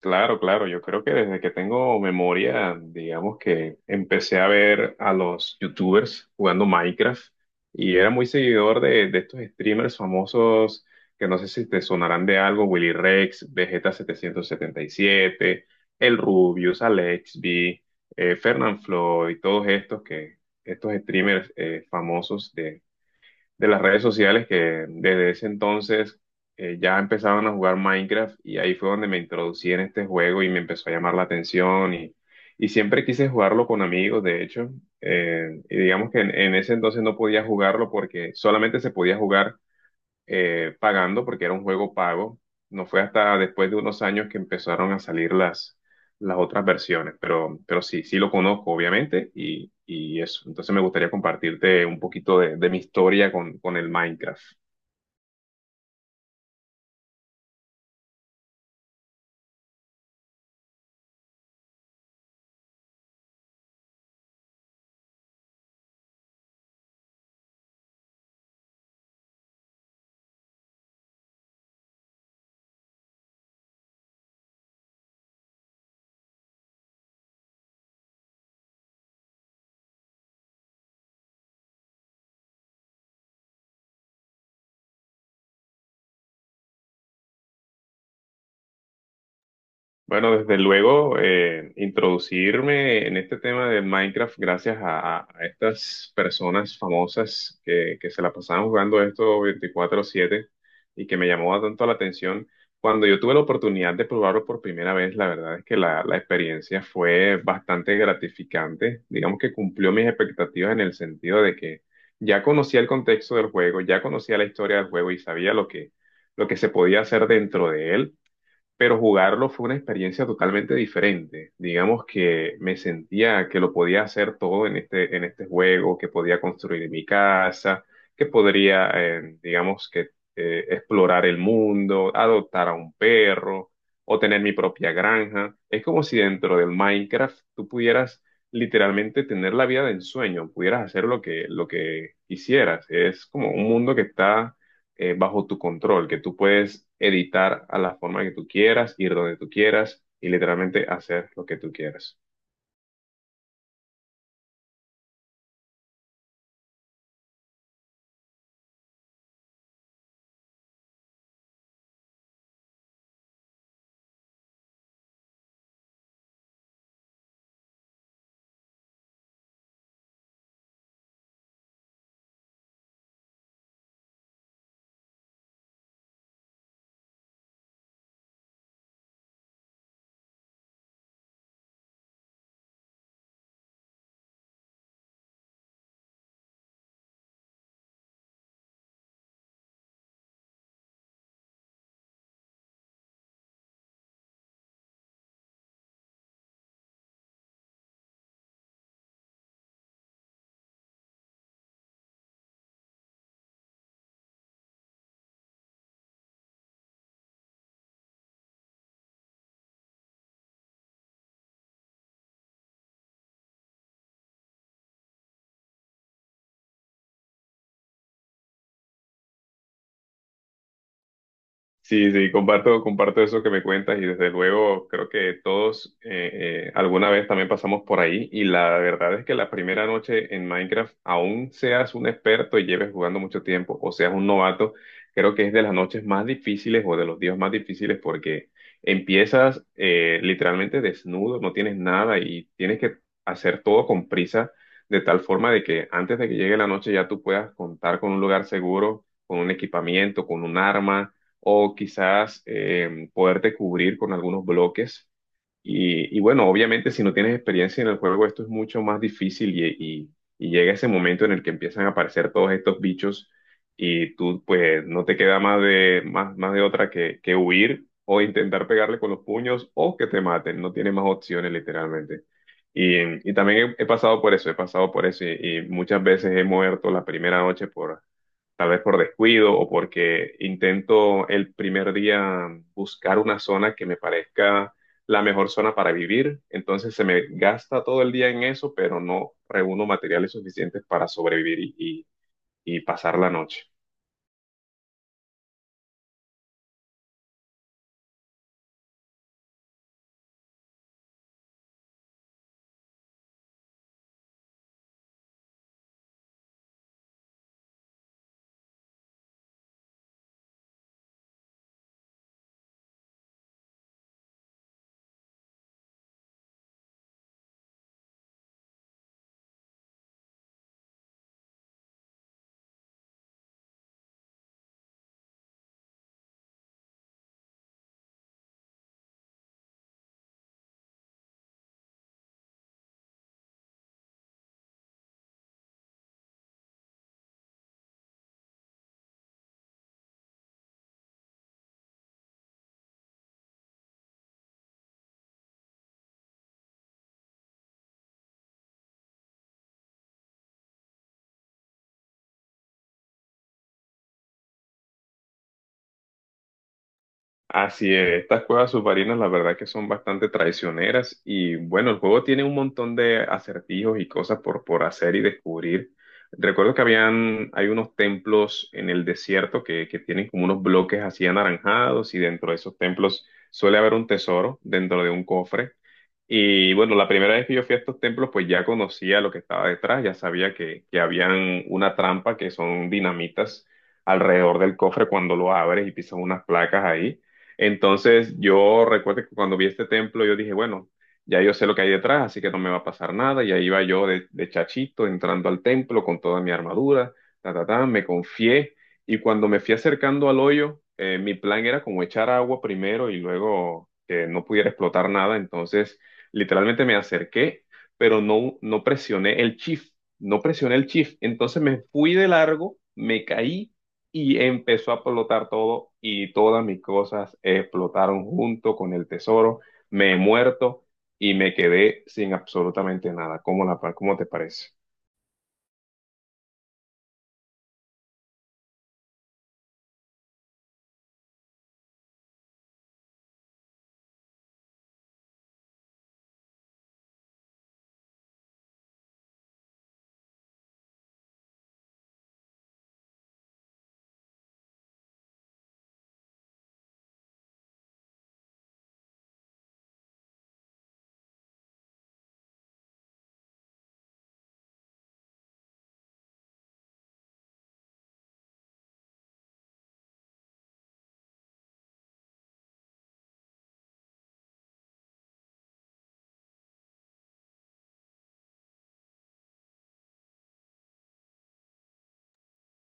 Claro, claro, yo creo que desde que tengo memoria, digamos que empecé a ver a los youtubers jugando Minecraft y era muy seguidor de estos streamers famosos que no sé si te sonarán de algo, Willy Rex, vegeta 777, El Rubius, Alexby, Fernanfloo y todos estos que estos streamers famosos de las redes sociales que desde ese entonces ya empezaban a jugar Minecraft y ahí fue donde me introducí en este juego y me empezó a llamar la atención y siempre quise jugarlo con amigos, de hecho, y digamos que en ese entonces no podía jugarlo porque solamente se podía jugar pagando porque era un juego pago. No fue hasta después de unos años que empezaron a salir las otras versiones, pero sí, sí lo conozco, obviamente, y eso. Entonces me gustaría compartirte un poquito de mi historia con el Minecraft. Bueno, desde luego, introducirme en este tema de Minecraft gracias a estas personas famosas que se la pasaban jugando esto 24/7 y que me llamó tanto la atención. Cuando yo tuve la oportunidad de probarlo por primera vez, la verdad es que la experiencia fue bastante gratificante. Digamos que cumplió mis expectativas en el sentido de que ya conocía el contexto del juego, ya conocía la historia del juego y sabía lo lo que se podía hacer dentro de él, pero jugarlo fue una experiencia totalmente diferente. Digamos que me sentía que lo podía hacer todo en este juego, que podía construir mi casa, que podría, explorar el mundo, adoptar a un perro o tener mi propia granja. Es como si dentro del Minecraft tú pudieras literalmente tener la vida de ensueño, pudieras hacer lo lo que quisieras. Es como un mundo que está bajo tu control, que tú puedes editar a la forma que tú quieras, ir donde tú quieras y literalmente hacer lo que tú quieras. Sí, sí, comparto, comparto eso que me cuentas y desde luego creo que todos alguna vez también pasamos por ahí y la verdad es que la primera noche en Minecraft, aún seas un experto y lleves jugando mucho tiempo o seas un novato, creo que es de las noches más difíciles o de los días más difíciles porque empiezas literalmente desnudo, no tienes nada y tienes que hacer todo con prisa de tal forma de que antes de que llegue la noche ya tú puedas contar con un lugar seguro, con un equipamiento, con un arma o quizás poderte cubrir con algunos bloques. Y bueno, obviamente si no tienes experiencia en el juego, esto es mucho más difícil y llega ese momento en el que empiezan a aparecer todos estos bichos y tú pues no te queda más de, más, más de otra que huir o intentar pegarle con los puños o que te maten, no tienes más opciones literalmente. Y también he, he pasado por eso, he pasado por eso y muchas veces he muerto la primera noche por, tal vez por descuido o porque intento el primer día buscar una zona que me parezca la mejor zona para vivir. Entonces se me gasta todo el día en eso, pero no reúno materiales suficientes para sobrevivir y pasar la noche. Así es, estas cuevas submarinas la verdad que son bastante traicioneras y bueno, el juego tiene un montón de acertijos y cosas por hacer y descubrir. Recuerdo que habían, hay unos templos en el desierto que tienen como unos bloques así anaranjados y dentro de esos templos suele haber un tesoro dentro de un cofre. Y bueno, la primera vez que yo fui a estos templos, pues ya conocía lo que estaba detrás, ya sabía que habían una trampa que son dinamitas alrededor del cofre cuando lo abres y pisas unas placas ahí. Entonces yo recuerdo que cuando vi este templo yo dije, bueno, ya yo sé lo que hay detrás, así que no me va a pasar nada. Y ahí iba yo de chachito entrando al templo con toda mi armadura, ta, ta, ta, me confié. Y cuando me fui acercando al hoyo, mi plan era como echar agua primero y luego que no pudiera explotar nada. Entonces literalmente me acerqué, pero no, no presioné el shift. Entonces me fui de largo, me caí y empezó a explotar todo y todas mis cosas explotaron junto con el tesoro. Me he muerto y me quedé sin absolutamente nada. ¿Cómo la, cómo te parece?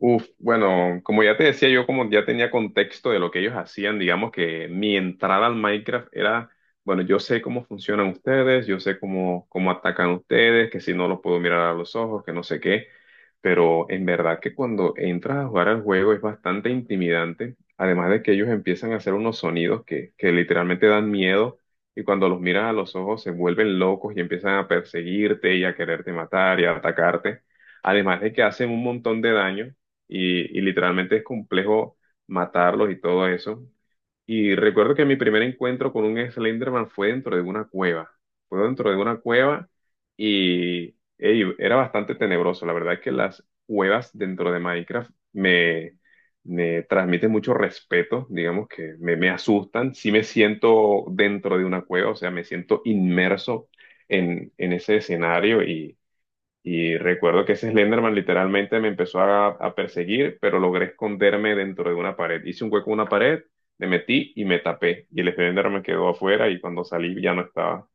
Uf, bueno, como ya te decía, yo como ya tenía contexto de lo que ellos hacían, digamos que mi entrada al Minecraft era, bueno, yo sé cómo funcionan ustedes, yo sé cómo, cómo atacan ustedes, que si no los puedo mirar a los ojos, que no sé qué, pero en verdad que cuando entras a jugar al juego es bastante intimidante, además de que ellos empiezan a hacer unos sonidos que literalmente dan miedo y cuando los miras a los ojos se vuelven locos y empiezan a perseguirte y a quererte matar y a atacarte. Además de que hacen un montón de daño, y literalmente es complejo matarlos y todo eso. Y recuerdo que mi primer encuentro con un Slenderman fue dentro de una cueva. Fue dentro de una cueva y ey, era bastante tenebroso. La verdad es que las cuevas dentro de Minecraft me, me transmiten mucho respeto, digamos que me asustan. Sí me siento dentro de una cueva, o sea, me siento inmerso en ese escenario y recuerdo que ese Slenderman literalmente me empezó a perseguir, pero logré esconderme dentro de una pared. Hice un hueco en una pared, me metí y me tapé. Y el Slenderman quedó afuera y cuando salí ya no estaba.